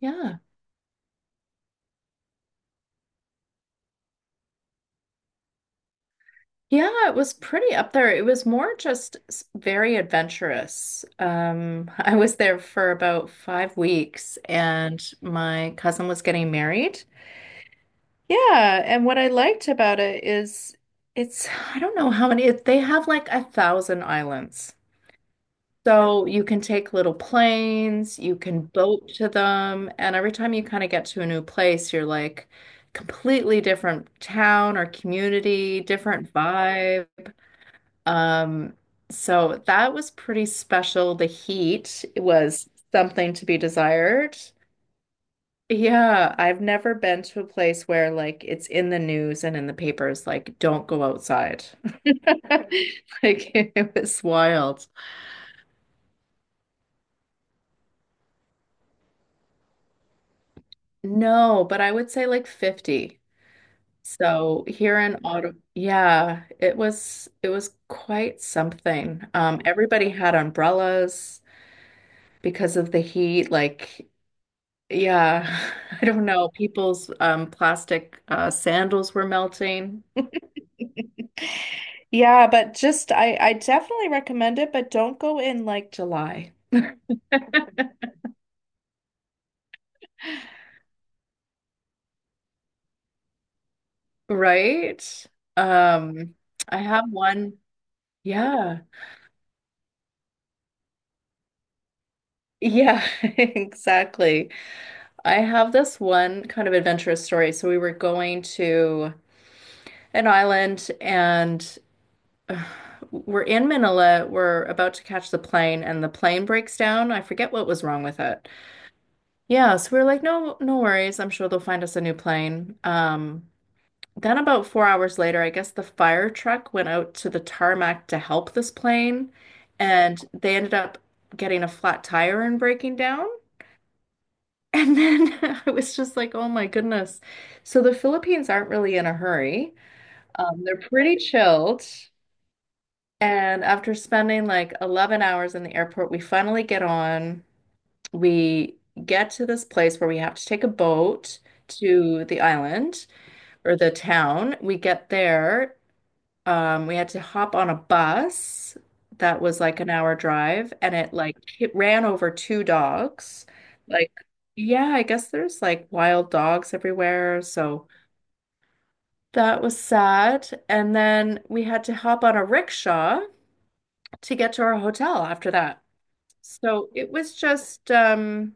Yeah. Yeah, it was pretty up there. It was more just very adventurous. I was there for about 5 weeks and my cousin was getting married. Yeah, and what I liked about it is it's, I don't know how many, they have like a thousand islands. So you can take little planes, you can boat to them, and every time you kind of get to a new place, you're like completely different town or community, different vibe. Um, so that was pretty special. The heat was something to be desired. Yeah, I've never been to a place where like it's in the news and in the papers, like don't go outside. Like it was wild. No, but I would say like 50. So here in Ottawa, yeah, it was quite something. Everybody had umbrellas because of the heat. Like yeah, I don't know. People's plastic sandals were melting. Yeah, but just I definitely recommend it, but don't go in like July. Right? Um, I have one. Yeah. Yeah, exactly. I have this one kind of adventurous story. So we were going to an island and we're in Manila. We're about to catch the plane, and the plane breaks down. I forget what was wrong with it. Yeah, so we were like, no, no worries. I'm sure they'll find us a new plane. Then about 4 hours later, I guess the fire truck went out to the tarmac to help this plane, and they ended up getting a flat tire and breaking down. And then I was just like, oh my goodness. So the Philippines aren't really in a hurry. They're pretty chilled. And after spending like 11 hours in the airport, we finally get on. We get to this place where we have to take a boat to the island or the town. We get there. We had to hop on a bus that was like an hour drive, and it ran over two dogs. Like, yeah, I guess there's like wild dogs everywhere. So that was sad. And then we had to hop on a rickshaw to get to our hotel after that. So it was just,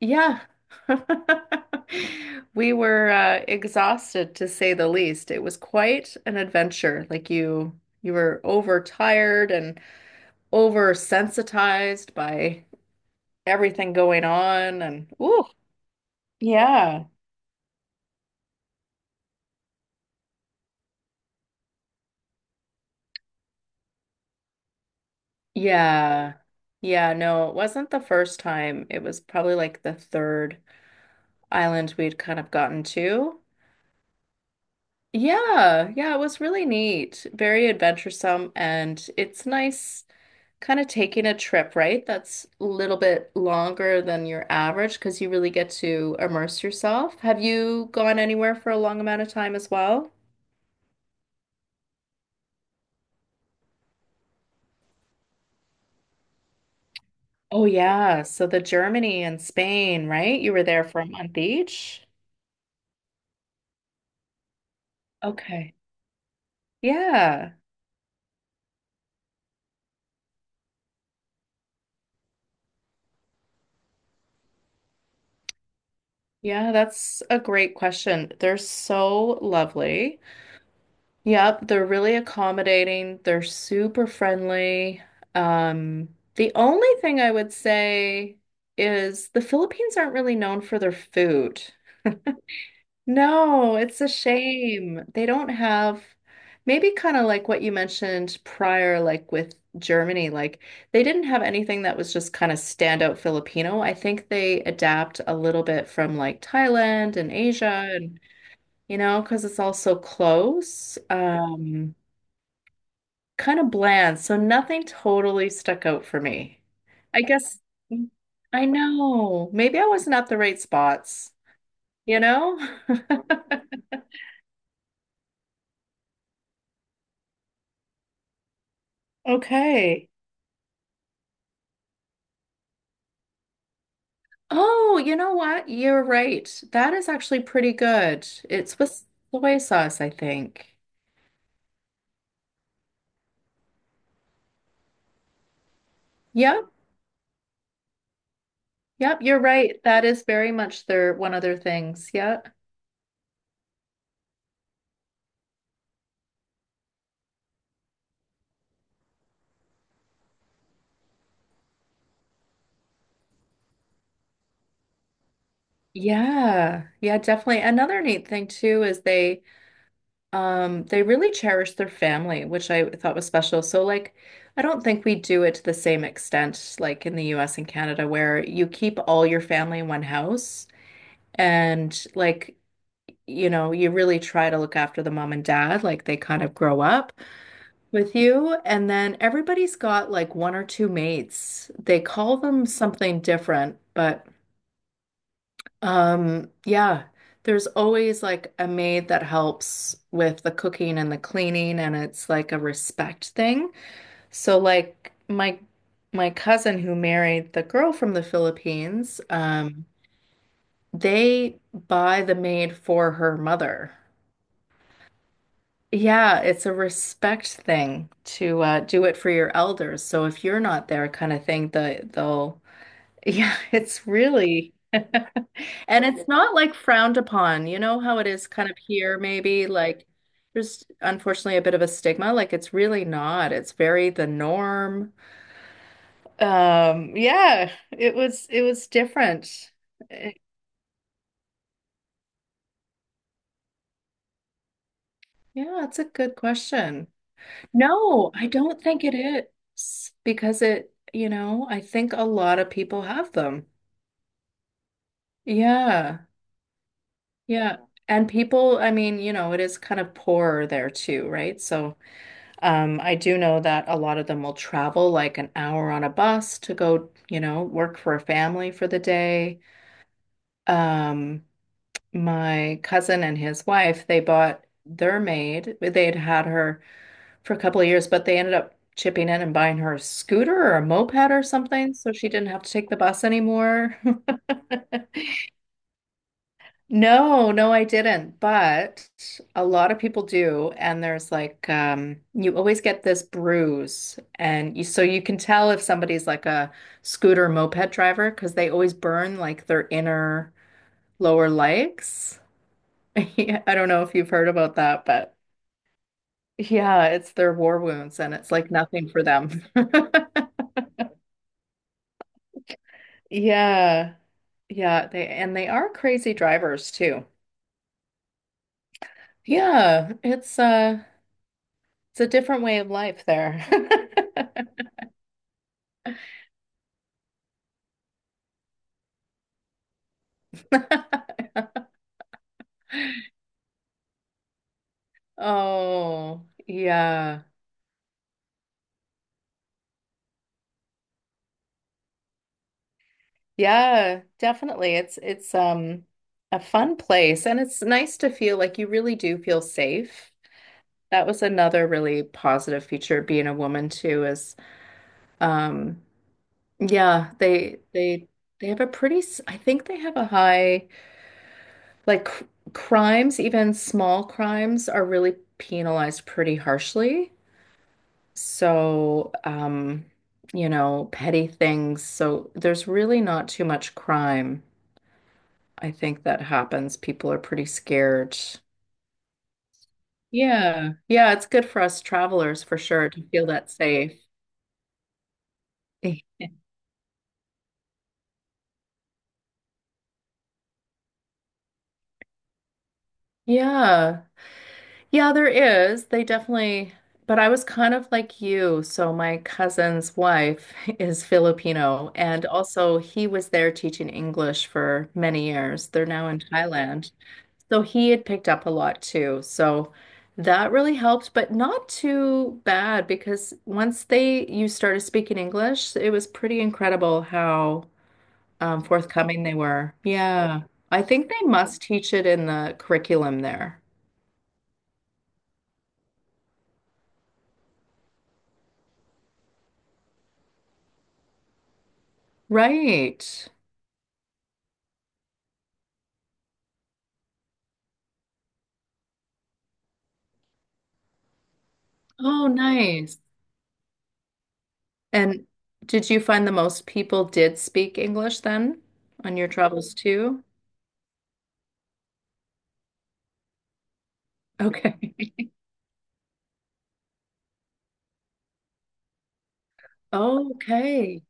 yeah. We were exhausted to say the least. It was quite an adventure. Like you were overtired and oversensitized by everything going on. And ooh, yeah, yeah, yeah. No, it wasn't the first time. It was probably like the third island we'd kind of gotten to. Yeah, yeah, it was really neat, very adventuresome, and it's nice kind of taking a trip, right? That's a little bit longer than your average because you really get to immerse yourself. Have you gone anywhere for a long amount of time as well? Oh yeah, so the Germany and Spain, right? You were there for a month each? Okay. Yeah. Yeah, that's a great question. They're so lovely. Yep, they're really accommodating. They're super friendly. The only thing I would say is the Philippines aren't really known for their food. No, it's a shame. They don't have maybe kind of like what you mentioned prior, like with Germany, like they didn't have anything that was just kind of standout Filipino. I think they adapt a little bit from like Thailand and Asia and you know, because it's all so close. Kind of bland, so nothing totally stuck out for me. I guess mm, I know. Maybe I wasn't at the right spots, you know? Okay. Oh, you know what? You're right. That is actually pretty good. It's with soy sauce, I think. Yep. Yep, you're right. That is very much their one of their things. Yeah. Yeah. Yeah, definitely. Another neat thing too is they really cherish their family, which I thought was special. So, like, I don't think we do it to the same extent, like in the US and Canada, where you keep all your family in one house and, like, you know, you really try to look after the mom and dad, like, they kind of grow up with you. And then everybody's got like one or two mates. They call them something different, but yeah, there's always like a maid that helps with the cooking and the cleaning, and it's like a respect thing. So like my cousin who married the girl from the Philippines, they buy the maid for her mother. Yeah, it's a respect thing to do it for your elders. So if you're not there, kind of thing, they'll yeah, it's really, and it's not like frowned upon. You know how it is kind of here, maybe like there's unfortunately a bit of a stigma. Like it's really not. It's very the norm. Yeah, it was different. Eh, yeah, it's a good question. No, I don't think it is because it, you know, I think a lot of people have them. Yeah. Yeah. And people, I mean, you know, it is kind of poorer there too, right? So, I do know that a lot of them will travel like an hour on a bus to go, you know, work for a family for the day. Um, my cousin and his wife, they bought their maid. They'd had her for a couple of years, but they ended up chipping in and buying her a scooter or a moped or something, so she didn't have to take the bus anymore. No, no, I didn't. But a lot of people do, and there's like you always get this bruise and you so you can tell if somebody's like a scooter moped driver because they always burn like their inner lower legs. Yeah, I don't know if you've heard about that, but yeah, it's their war wounds and it's like nothing for them. Yeah. Yeah, they and they are crazy drivers too. Yeah, it's it's a different way of life there. Oh, yeah. Yeah, definitely. It's a fun place and it's nice to feel like you really do feel safe. That was another really positive feature of being a woman too is um yeah, they have a pretty I think they have a high like cr crimes, even small crimes are really penalized pretty harshly. So, you know, petty things. So there's really not too much crime. I think that happens. People are pretty scared. Yeah. Yeah, it's good for us travelers for sure to feel that safe. Yeah. Yeah, there is. They definitely, but I was kind of like you. So my cousin's wife is Filipino, and also he was there teaching English for many years. They're now in Thailand. So he had picked up a lot too. So that really helped, but not too bad because once they you started speaking English, it was pretty incredible how forthcoming they were. Yeah. I think they must teach it in the curriculum there. Right. Oh, nice. And did you find the most people did speak English then on your travels too? Okay. Okay.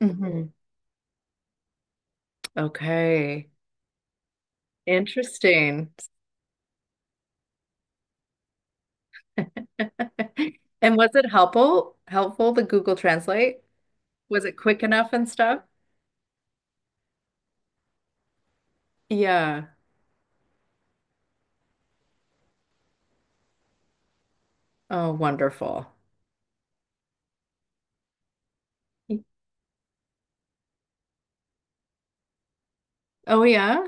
hmm Okay. Interesting. And was it helpful? Helpful, the Google Translate? Was it quick enough and stuff? Yeah. Oh, wonderful. Oh, yeah.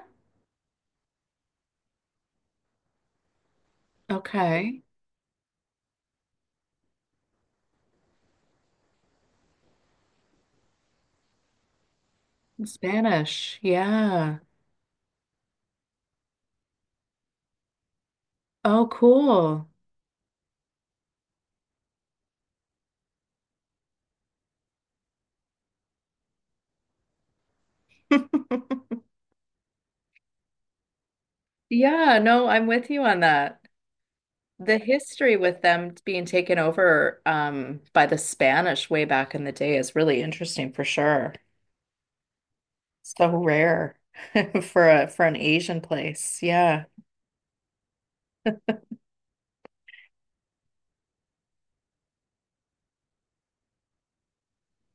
Okay. Spanish. Yeah. Oh, cool. Yeah, no, I'm with you on that. The history with them being taken over by the Spanish way back in the day is really interesting for sure. So rare for a for an Asian place. Yeah.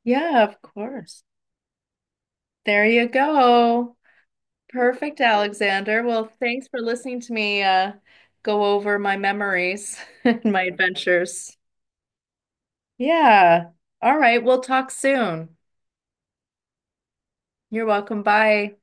Yeah, of course. There you go. Perfect, Alexander. Well, thanks for listening to me go over my memories and my adventures. Yeah. All right. We'll talk soon. You're welcome. Bye.